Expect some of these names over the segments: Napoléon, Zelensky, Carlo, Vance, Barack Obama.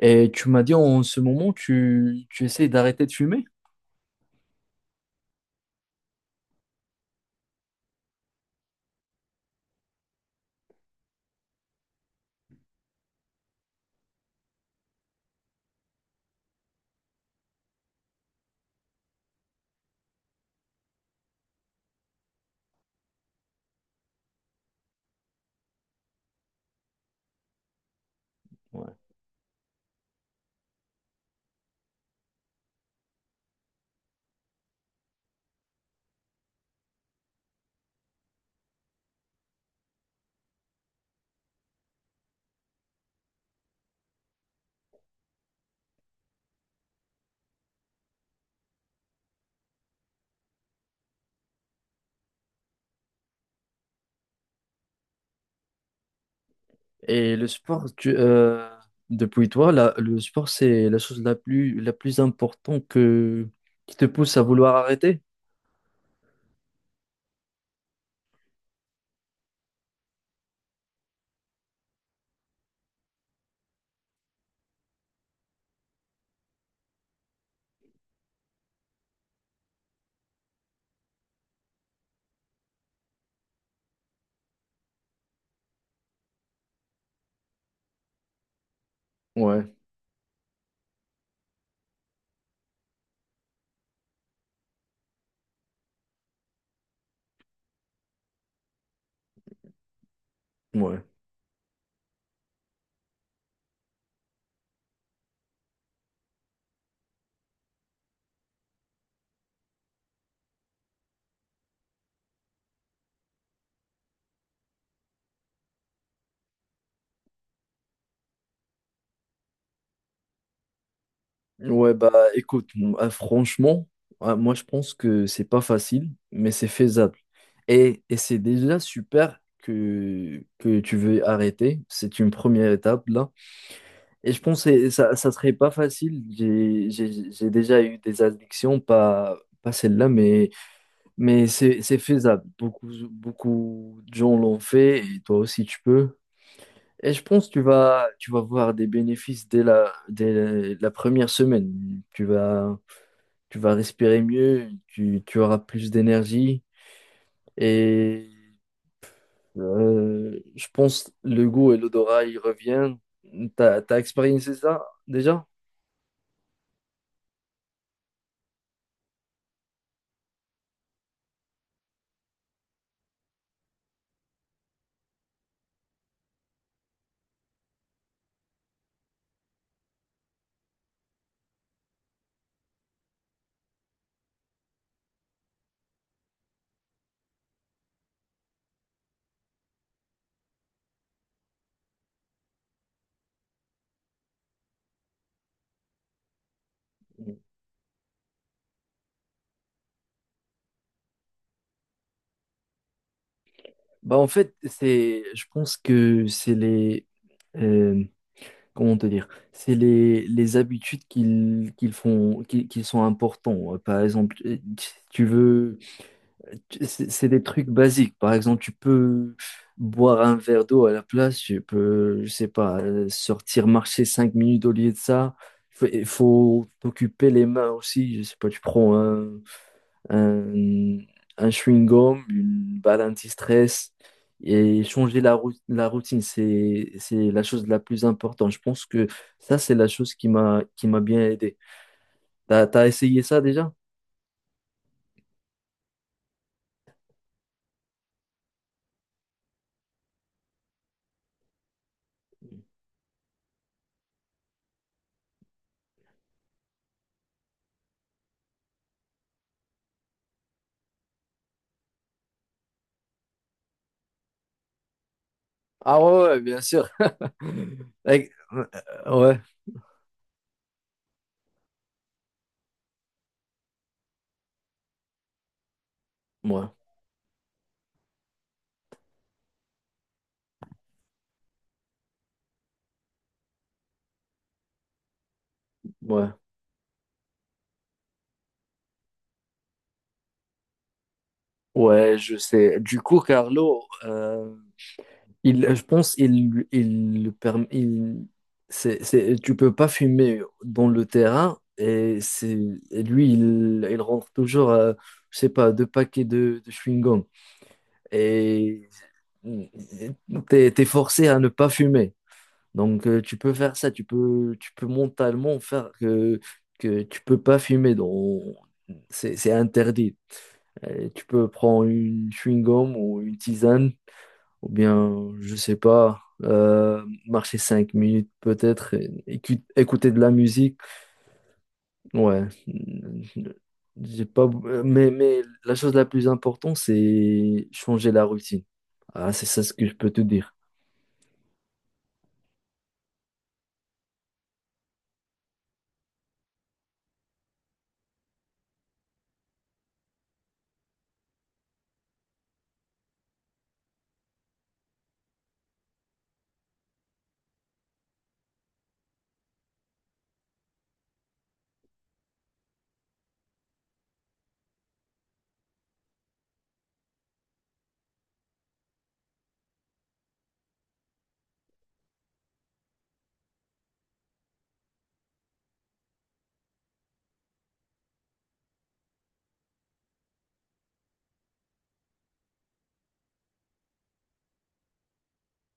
Et tu m'as dit en ce moment, tu essayes d'arrêter de fumer. Ouais. Et le sport, depuis toi, le sport, c'est la chose la plus importante qui te pousse à vouloir arrêter. Ouais, ouais. Ouais, bah écoute, franchement, moi je pense que c'est pas facile, mais c'est faisable. Et c'est déjà super que tu veux arrêter. C'est une première étape là. Et je pense que ça serait pas facile. J'ai déjà eu des addictions, pas celle-là, mais c'est faisable. Beaucoup de gens l'ont fait et toi aussi tu peux. Et je pense que tu vas voir des bénéfices dès la première semaine. Tu vas respirer mieux, tu auras plus d'énergie et je pense le goût et l'odorat, ils reviennent. T'as expérimenté ça déjà? Bah en fait, je pense que c'est euh, comment te dire, c'est les habitudes qu'ils font, qui sont importants. Par exemple, si tu veux, c'est des trucs basiques. Par exemple, tu peux boire un verre d'eau à la place, tu peux, je sais pas, sortir marcher cinq minutes au lieu de ça. Il faut t'occuper les mains aussi. Je sais pas, tu prends un, un chewing-gum, une balle anti-stress et changer la routine, c'est la chose la plus importante. Je pense que ça, c'est la chose qui m'a bien aidé. T'as essayé ça déjà? Ah ouais, ouais, bien sûr. Like, euh, Ouais, ouais, ouais. Ouais, je sais. Du coup, Carlo, Il, je pense il, le perm- il, c'est, tu peux pas fumer dans le terrain et lui, il rentre toujours, à, je sais pas, deux paquets de chewing-gum. Et t'es forcé à ne pas fumer. Donc, tu peux faire ça, tu peux mentalement faire que tu peux pas fumer. C'est interdit. Tu peux prendre une chewing-gum ou une tisane ou bien, je sais pas, marcher cinq minutes peut-être, et écouter de la musique. Ouais, j'ai pas, mais la chose la plus importante, c'est changer la routine. Ah, c'est ça ce que je peux te dire.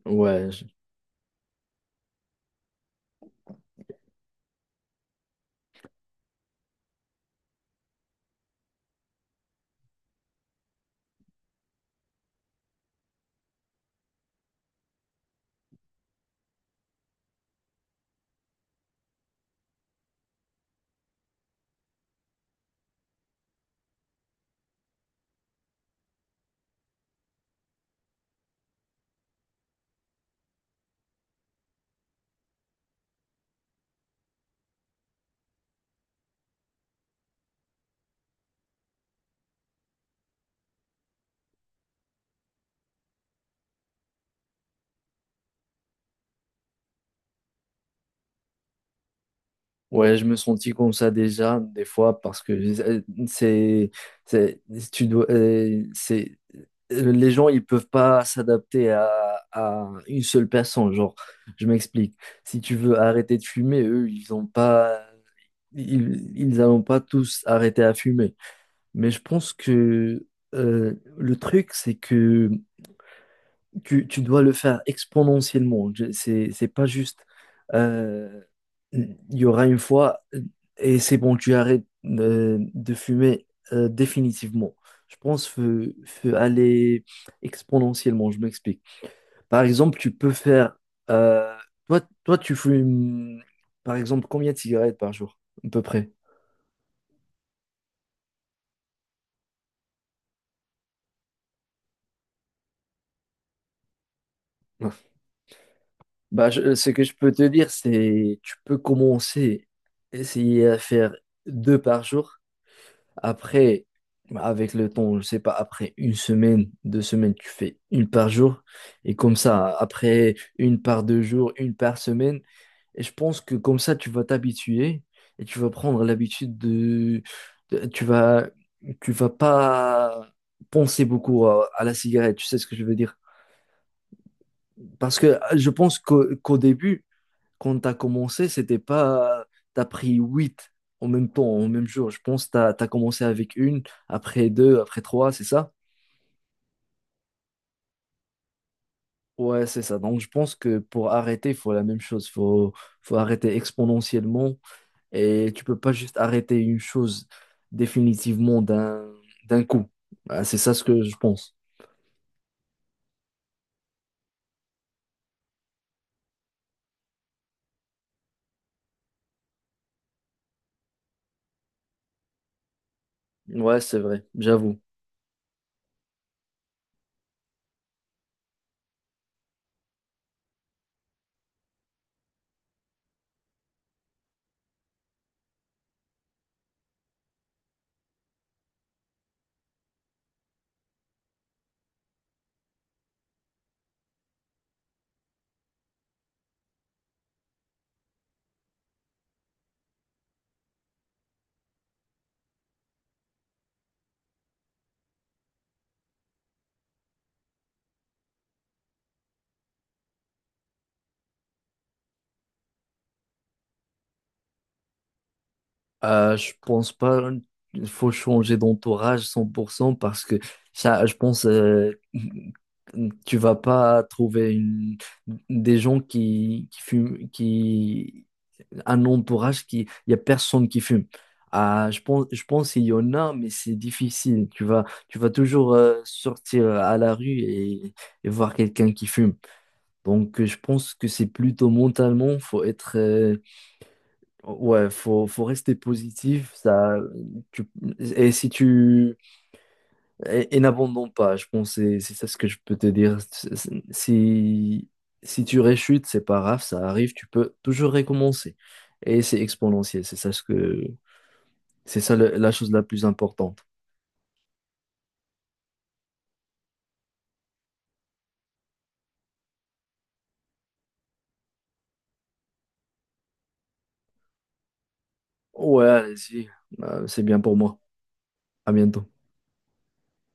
Ouais, je- Ouais, je me sentis comme ça déjà, des fois, parce que c'est, c'est, tu dois, c'est, les gens, ils peuvent pas s'adapter à une seule personne. Genre, je m'explique. Si tu veux arrêter de fumer, eux, ils ont pas, ils n'allont pas tous arrêter à fumer. Mais je pense que euh, le truc, c'est que tu dois le faire exponentiellement. C'est pas juste, euh, il y aura une fois et c'est bon, tu arrêtes de fumer définitivement. Je pense que faut aller exponentiellement, je m'explique. Par exemple, tu peux faire, euh, toi, tu fumes, par exemple, combien de cigarettes par jour, à peu près? Bah, ce que je peux te dire, c'est tu peux commencer, essayer à faire deux par jour. Après, avec le temps, je sais pas, après une semaine, deux semaines, tu fais une par jour. Et comme ça, après une par deux jours, une par semaine. Et je pense que comme ça, tu vas t'habituer et tu vas prendre l'habitude de- Tu vas, tu vas pas penser beaucoup à la cigarette, tu sais ce que je veux dire. Parce que je pense qu'au début, quand tu as commencé, c'était pas. Tu as pris huit en même temps, en même jour. Je pense que commencé avec une, après deux, après trois, c'est ça? Ouais, c'est ça. Donc, je pense que pour arrêter, il faut la même chose. Faut arrêter exponentiellement. Et tu peux pas juste arrêter une chose définitivement d'un coup. Ah, c'est ça ce que je pense. Ouais, c'est vrai. J'avoue. Je pense pas il faut changer d'entourage 100% parce que ça, je pense tu vas pas trouver des gens qui fument, qui un entourage qui il y a personne qui fume. Ah, je pense qu'il y en a, mais c'est difficile. Tu vas toujours sortir à la rue et voir quelqu'un qui fume. Donc, je pense que c'est plutôt mentalement, faut être, Ouais, faut rester positif, ça, tu, et si tu, et n'abandonne pas, je pense, que c'est ça ce que je peux te dire. Si, si tu réchutes, c'est pas grave, ça arrive, tu peux toujours recommencer. Et c'est exponentiel, c'est ça la chose la plus importante. Ouais, allez-y, euh, c'est bien pour moi. À bientôt.